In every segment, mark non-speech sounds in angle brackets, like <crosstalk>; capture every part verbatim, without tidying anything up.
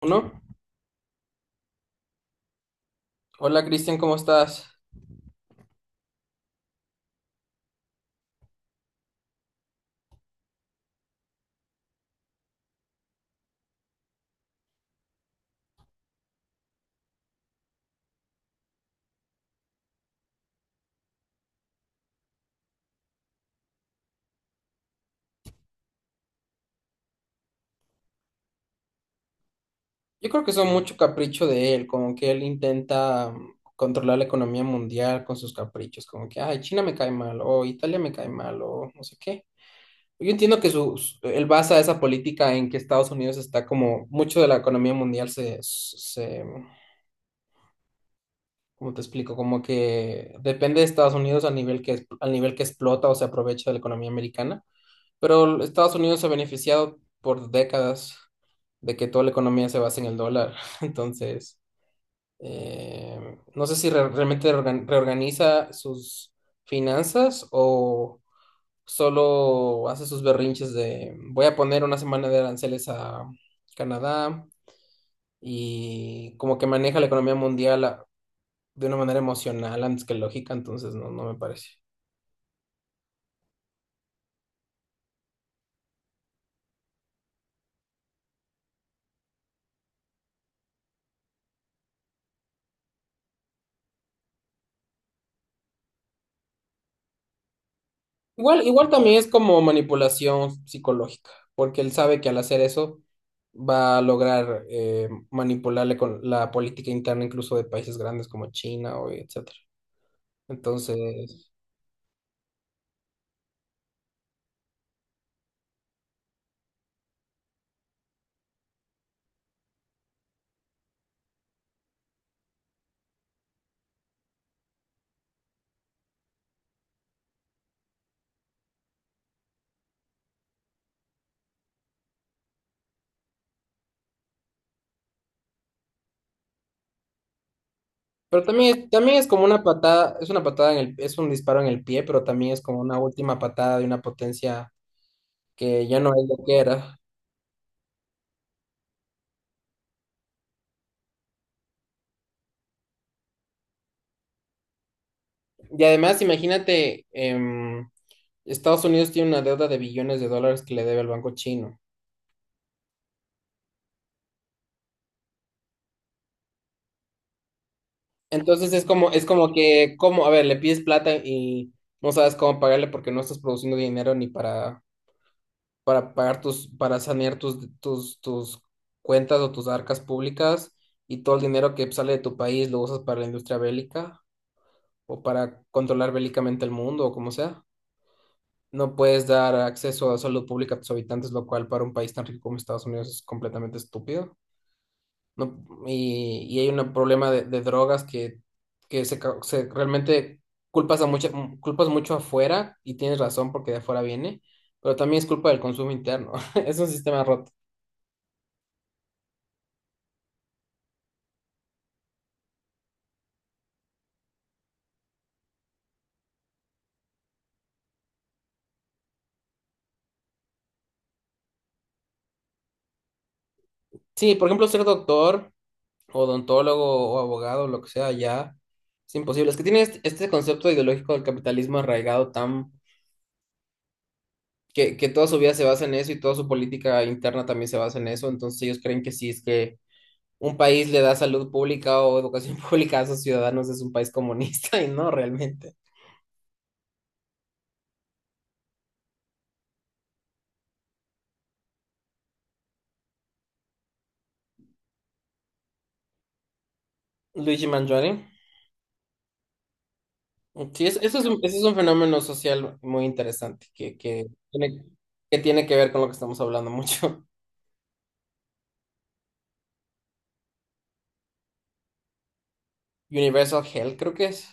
Uno. Hola Cristian, ¿cómo estás? Yo creo que son mucho capricho de él, como que él intenta mm, controlar la economía mundial con sus caprichos, como que, ay, China me cae mal, o Italia me cae mal, o no sé qué. Yo entiendo que su, su- él basa esa política en que Estados Unidos está como, mucho de la economía mundial se, se, como te explico, como que depende de Estados Unidos al nivel que, es- al nivel que explota o se aprovecha de la economía americana, pero Estados Unidos se ha beneficiado por décadas de que toda la economía se basa en el dólar. <laughs> Entonces, eh, no sé si re- realmente reorgan- reorganiza sus finanzas o solo hace sus berrinches de voy a poner una semana de aranceles a Canadá y como que maneja la economía mundial de una manera emocional antes que lógica, entonces no, no me parece. Igual, igual también es como manipulación psicológica, porque él sabe que al hacer eso va a lograr eh, manipularle con la política interna incluso de países grandes como China o etcétera. Entonces, pero también, es- también es como una patada, es una patada en el, es un disparo en el pie, pero también es como una última patada de una potencia que ya no es lo que era. Y además, imagínate, em, Estados Unidos tiene una deuda de billones de dólares que le debe al banco chino. Entonces es como, es como que, como, a ver, le pides plata y no sabes cómo pagarle porque no estás produciendo dinero ni para, para pagar tus, para sanear tus, tus, tus cuentas o tus arcas públicas y todo el dinero que sale de tu país lo usas para la industria bélica o para controlar bélicamente el mundo o como sea. No puedes dar acceso a salud pública a tus habitantes, lo cual para un país tan rico como Estados Unidos es completamente estúpido. No, y, y hay un problema de, de drogas que, que se, ca- se- realmente culpas a mucha, m- culpas mucho afuera y tienes razón porque de afuera viene, pero también es culpa del consumo interno. <laughs> Es un sistema roto. Sí, por ejemplo, ser doctor, odontólogo o abogado, lo que sea, ya es imposible. Es que tiene este, este concepto ideológico del capitalismo arraigado tan que, que toda su vida se basa en eso y toda su política interna también se basa en eso. Entonces ellos creen que sí es que un país le da salud pública o educación <laughs> pública a sus ciudadanos es un país comunista <laughs> y no realmente. Luigi Mangione. Sí, es- eso es un, eso es un fenómeno social muy interesante que, que tiene, que tiene que ver con lo que estamos hablando mucho. <laughs> Universal Health, creo que es.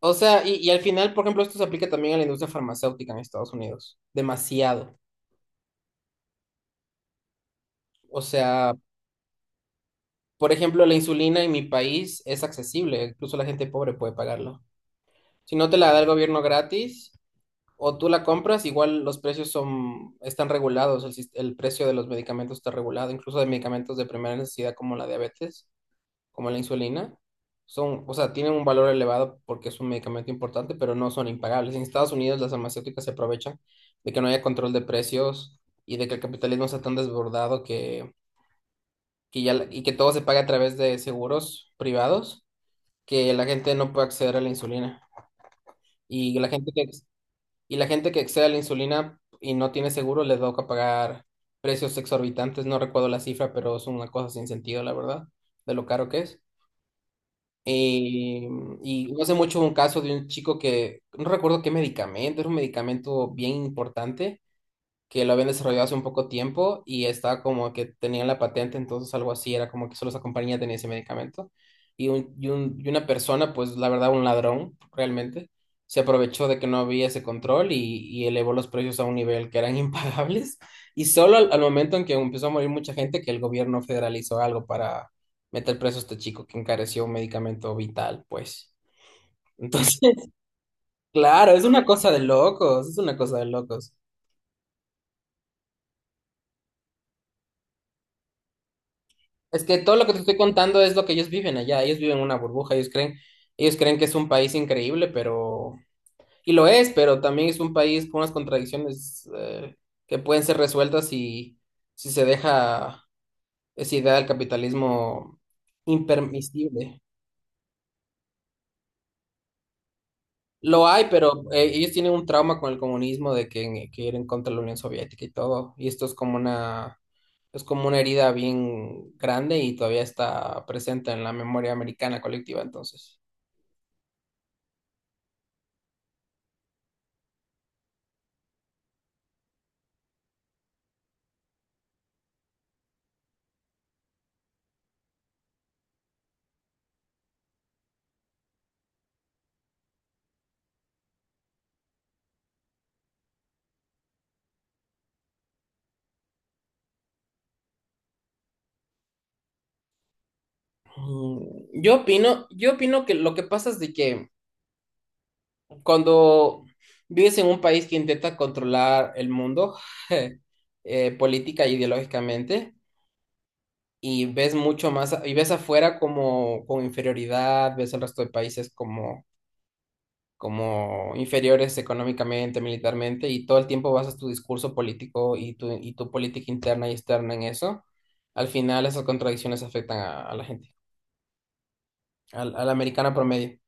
O sea, y, y al final, por ejemplo, esto se aplica también a la industria farmacéutica en Estados Unidos. Demasiado. O sea, por ejemplo, la insulina en mi país es accesible. Incluso la gente pobre puede pagarlo. Si no te la da el gobierno gratis, o tú la compras, igual los precios son, están regulados, el, sis- el precio de los medicamentos está regulado, incluso de medicamentos de primera necesidad como la diabetes, como la insulina, son, o sea, tienen un valor elevado porque es un medicamento importante, pero no son impagables. En Estados Unidos las farmacéuticas se aprovechan de que no haya control de precios y de que el capitalismo está tan desbordado que, que ya, la- y que todo se paga a través de seguros privados, que la gente no puede acceder a la insulina. Y la gente que, y la gente que excede la insulina y no tiene seguro les toca pagar precios exorbitantes, no recuerdo la cifra, pero es una cosa sin sentido, la verdad, de lo caro que es. Eh, y no hace mucho un caso de un chico que, no recuerdo qué medicamento, era un medicamento bien importante, que lo habían desarrollado hace un poco tiempo y estaba como que tenían la patente, entonces algo así, era como que solo esa compañía tenía ese medicamento. Y, un, y, un- y una persona, pues la verdad, un ladrón, realmente, se aprovechó de que no había ese control y, y elevó los precios a un nivel que eran <laughs> impagables. Y solo al, al momento en que empezó a morir mucha gente, que el gobierno federalizó algo para meter preso a este chico que encareció un medicamento vital, pues. Entonces, <laughs> claro, es una cosa de locos, es una cosa de locos. Es que todo lo que te estoy contando es lo que ellos viven allá. Ellos viven una burbuja, ellos creen, ellos creen que es un país increíble, pero, y lo es, pero también es un país con unas contradicciones eh, que pueden ser resueltas si, si se deja esa idea del capitalismo impermisible. Lo hay, pero eh, ellos tienen un trauma con el comunismo de que, que ir en contra de la Unión Soviética y todo. Y esto es como una, es como una herida bien grande y todavía está presente en la memoria americana colectiva, entonces. Mm, Yo opino, yo opino que lo que pasa es de que cuando vives en un país que intenta controlar el mundo <laughs> eh, política e ideológicamente y ves mucho más a- y ves afuera como con inferioridad, ves al resto de países como como inferiores económicamente, militarmente y todo el tiempo basas tu discurso político y tu y tu política interna y externa en eso. Al final esas contradicciones afectan a, a la gente, al, al americano promedio.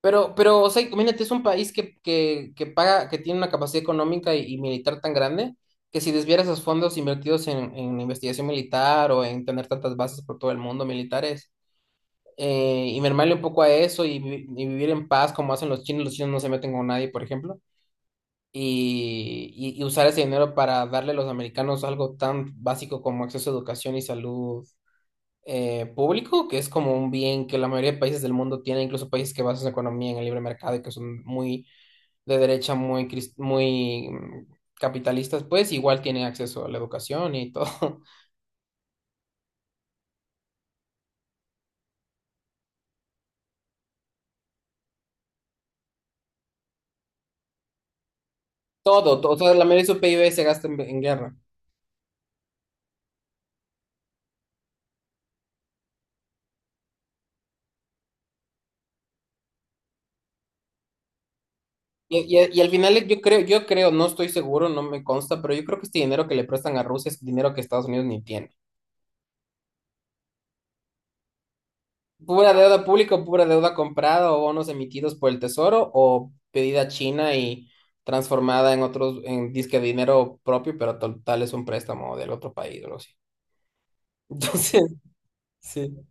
Pero, pero, o sea, imagínate, es un país que, que, que paga, que tiene una capacidad económica y, y militar tan grande que si desviara esos fondos invertidos en, en investigación militar o en tener tantas bases por todo el mundo militares eh, y mermarle un poco a eso y, vi- y vivir en paz como hacen los chinos, los chinos no se meten con nadie, por ejemplo, y, y, y usar ese dinero para darle a los americanos algo tan básico como acceso a educación y salud eh, público, que es como un bien que la mayoría de países del mundo tienen, incluso países que basan su economía en el libre mercado y que son muy de derecha, muy, cris- muy mm, capitalistas, pues igual tienen acceso a la educación y todo, <laughs> todo, todo, o sea, la mayoría de su P I B se gasta en, en guerra. Y, y- y al final yo creo, yo creo, no estoy seguro, no me consta, pero yo creo que este dinero que le prestan a Rusia es dinero que Estados Unidos ni tiene. Pura deuda pública o pura deuda comprada o bonos emitidos por el Tesoro o pedida a China y transformada en otros, en disque dinero propio, pero total es un préstamo del otro país, o algo así. <laughs> Entonces, sí,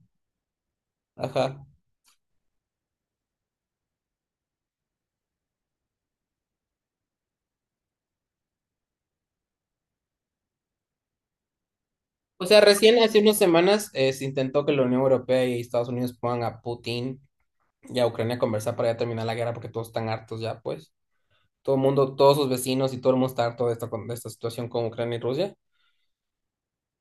ajá. O sea, recién hace unas semanas eh, se intentó que la Unión Europea y Estados Unidos pongan a Putin y a Ucrania a conversar para ya terminar la guerra porque todos están hartos ya, pues. Todo el mundo, todos sus vecinos y todo el mundo está harto de esta, con- de esta situación con Ucrania y Rusia.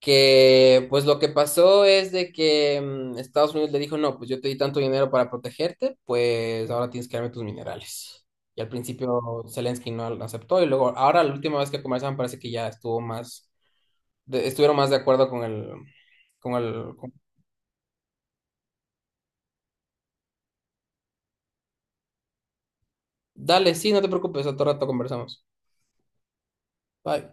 Que pues lo que pasó es de que mm, Estados Unidos le dijo, no, pues yo te di tanto dinero para protegerte, pues ahora tienes que darme tus minerales. Y al principio Zelensky no lo aceptó y luego ahora la última vez que conversaban parece que ya estuvo más, de- estuvieron más de acuerdo con el, con el, con- Dale, sí, no te preocupes, a todo rato conversamos. Bye.